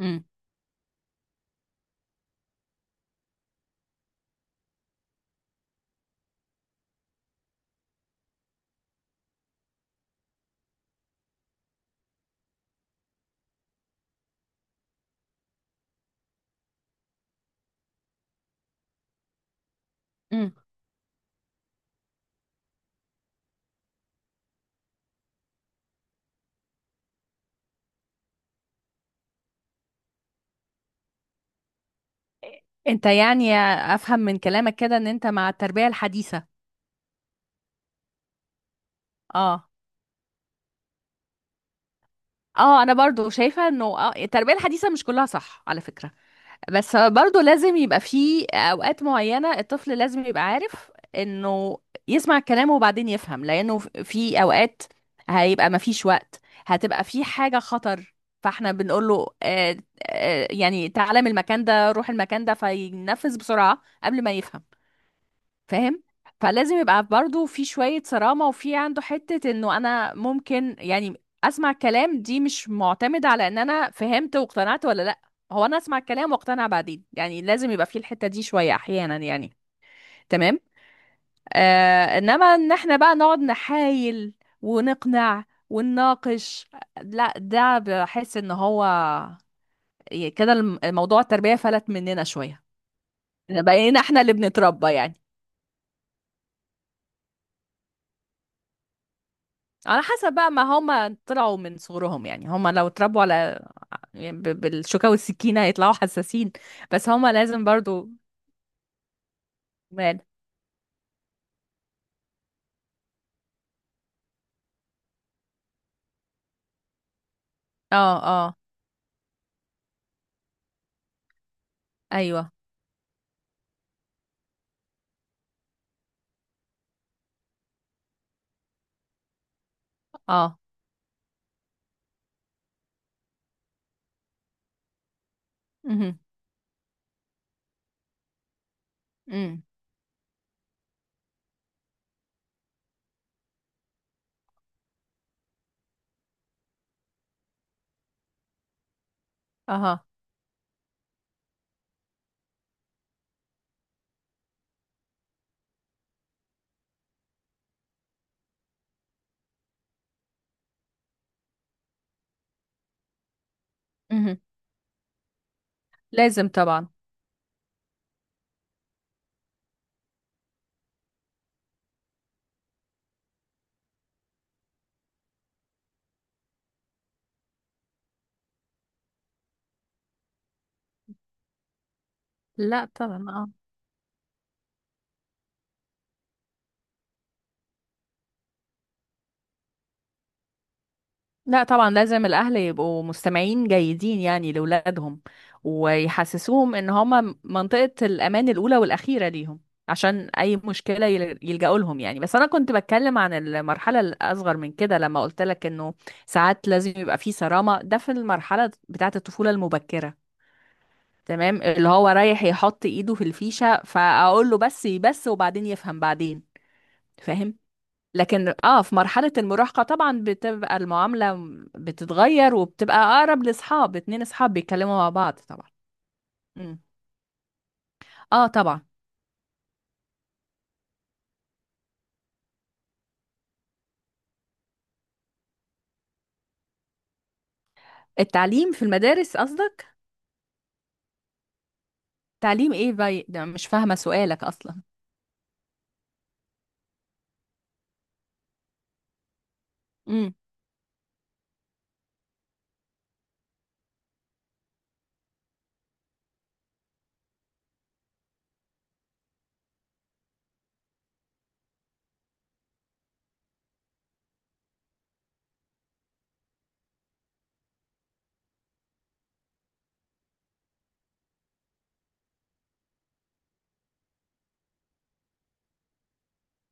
امم امم انت يعني افهم من كلامك كده ان انت مع التربية الحديثة. اه، اه، انا برضو شايفة انه التربية الحديثة مش كلها صح على فكرة. بس برضو لازم يبقى في اوقات معينة، الطفل لازم يبقى عارف انه يسمع كلامه وبعدين يفهم، لانه في اوقات هيبقى مفيش وقت، هتبقى في حاجة خطر. فاحنا بنقول له يعني تعالى من المكان ده، روح المكان ده، فينفذ بسرعة قبل ما يفهم. فاهم؟ فلازم يبقى برضو في شوية صرامة، وفي عنده حتة انه انا ممكن يعني اسمع الكلام، دي مش معتمدة على ان انا فهمت واقتنعت ولا لا. هو انا اسمع الكلام واقتنع بعدين، يعني لازم يبقى في الحتة دي شوية احيانا يعني. تمام. انما ان احنا بقى نقعد نحايل ونقنع ونناقش، لا ده بحس ان هو كده الموضوع التربية فلت مننا شوية. بقينا احنا اللي بنتربى يعني. على حسب بقى ما هما طلعوا من صغرهم، يعني هما لو اتربوا على يعني بالشوكة والسكينة يطلعوا حساسين. بس هما لازم برضو. مال. اه، اه، ايوه، اه، امم، امم، اها، امم، لازم طبعا. لا طبعا. لا طبعا، لازم الأهل يبقوا مستمعين جيدين يعني لأولادهم، ويحسسوهم إن هما منطقة الأمان الأولى والأخيرة ليهم، عشان أي مشكلة يلجأوا لهم يعني. بس أنا كنت بتكلم عن المرحلة الأصغر من كده لما قلت لك إنه ساعات لازم يبقى في صرامة، ده في المرحلة بتاعة الطفولة المبكرة. تمام. اللي هو رايح يحط إيده في الفيشة فأقول له بس بس، وبعدين يفهم بعدين. فاهم؟ لكن في مرحلة المراهقة طبعا بتبقى المعاملة بتتغير وبتبقى أقرب لأصحاب، اتنين أصحاب بيتكلموا مع بعض طبعا. مم. اه طبعا. التعليم في المدارس قصدك؟ تعليم ايه باي؟ ده مش فاهمة سؤالك أصلا. مم.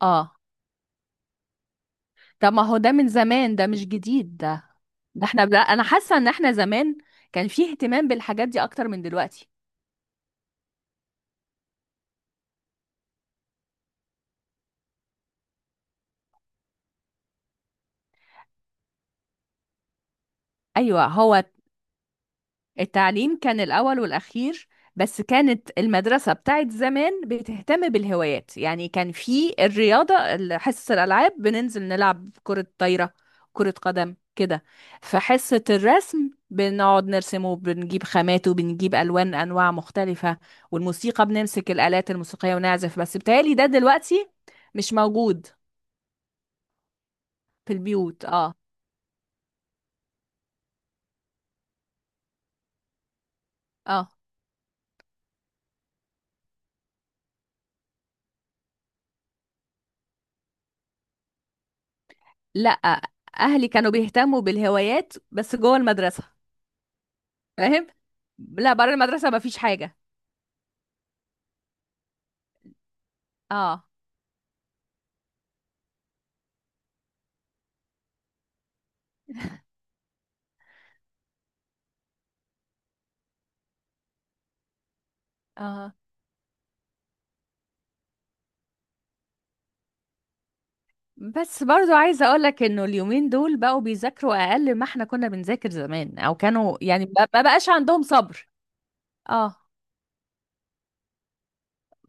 اه. طب ما هو ده من زمان، ده مش جديد ده. ده احنا، لا أنا حاسة إن احنا زمان كان فيه اهتمام بالحاجات دي أكتر من دلوقتي. أيوة. هو التعليم كان الأول والأخير، بس كانت المدرسة بتاعت زمان بتهتم بالهوايات، يعني كان في الرياضة، حصة الألعاب بننزل نلعب كرة طايرة، كرة قدم كده. في حصة الرسم بنقعد نرسم وبنجيب خامات وبنجيب ألوان أنواع مختلفة، والموسيقى بنمسك الآلات الموسيقية ونعزف. بس بتهيألي ده دلوقتي مش موجود في البيوت. اه. اه. لأ، أهلي كانوا بيهتموا بالهوايات بس جوه المدرسة. فاهم؟ لا، بره المدرسة مفيش حاجة. اه. اه. بس برضو عايزة اقولك انه اليومين دول بقوا بيذاكروا اقل ما احنا كنا بنذاكر زمان، او كانوا يعني ما بقاش عندهم صبر. اه.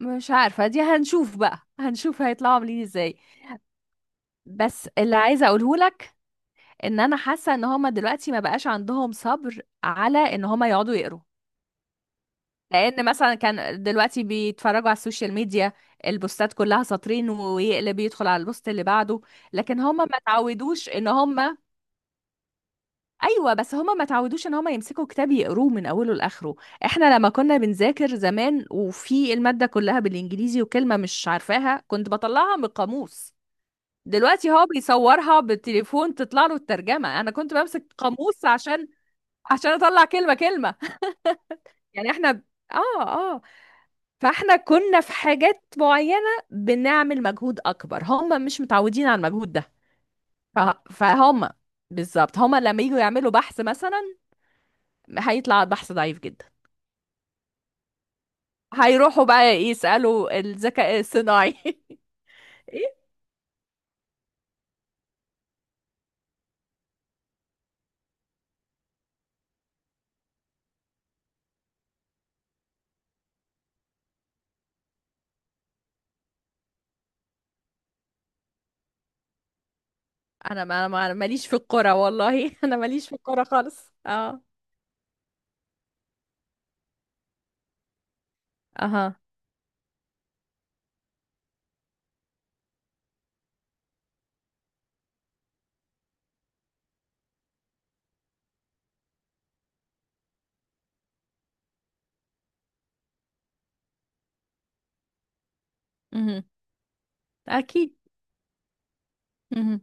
مش عارفة، دي هنشوف بقى. هنشوف هيطلعوا عاملين ازاي. بس اللي عايزة اقوله لك ان انا حاسة ان هما دلوقتي ما بقاش عندهم صبر على ان هما يقعدوا يقروا، لان مثلا كان دلوقتي بيتفرجوا على السوشيال ميديا، البوستات كلها سطرين ويقلب يدخل على البوست اللي بعده. لكن هما ما تعودوش ان هما، ايوه بس هما ما تعودوش ان هما يمسكوا كتاب يقروه من اوله لاخره. احنا لما كنا بنذاكر زمان، وفي المادة كلها بالانجليزي وكلمة مش عارفاها كنت بطلعها من القاموس. دلوقتي هو بيصورها بالتليفون تطلع له الترجمة، انا كنت بمسك قاموس عشان اطلع كلمة كلمة. يعني احنا اه آه. فاحنا كنا في حاجات معينة بنعمل مجهود أكبر، هم مش متعودين على المجهود ده. ف- فهم. بالظبط هم لما يجوا يعملوا بحث مثلا هيطلع البحث ضعيف جدا. هيروحوا بقى يسألوا الذكاء الصناعي. ايه؟ انا أنا ماليش في الكرة والله. انا ماليش في الكرة خالص. اه. اها. مهم. اكيد. مهم.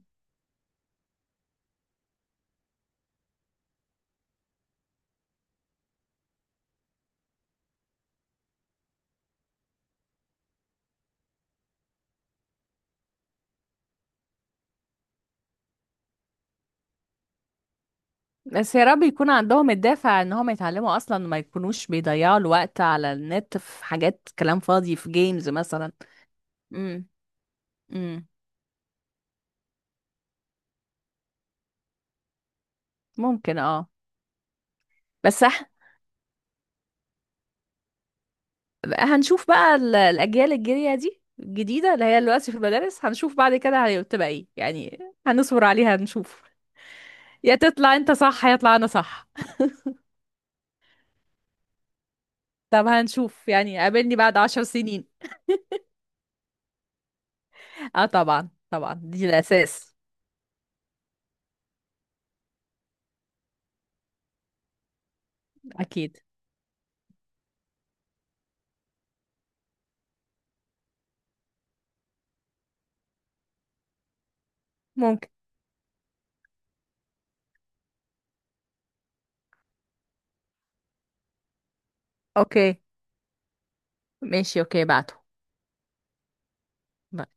بس يا رب يكون عندهم الدافع ان هم يتعلموا اصلا وما يكونوش بيضيعوا الوقت على النت في حاجات كلام فاضي، في جيمز مثلا. امم. امم. ممكن. اه. بس هنشوف بقى الاجيال الجايه دي الجديده اللي هي دلوقتي في المدارس، هنشوف بعد كده هتبقى ايه يعني. هنصبر عليها نشوف. يا تطلع انت صح يا اطلع انا صح. طب هنشوف يعني، قابلني بعد 10 سنين. اه طبعا، طبعا دي الاساس. اكيد. ممكن. اوكي ماشي. اوكي بعته.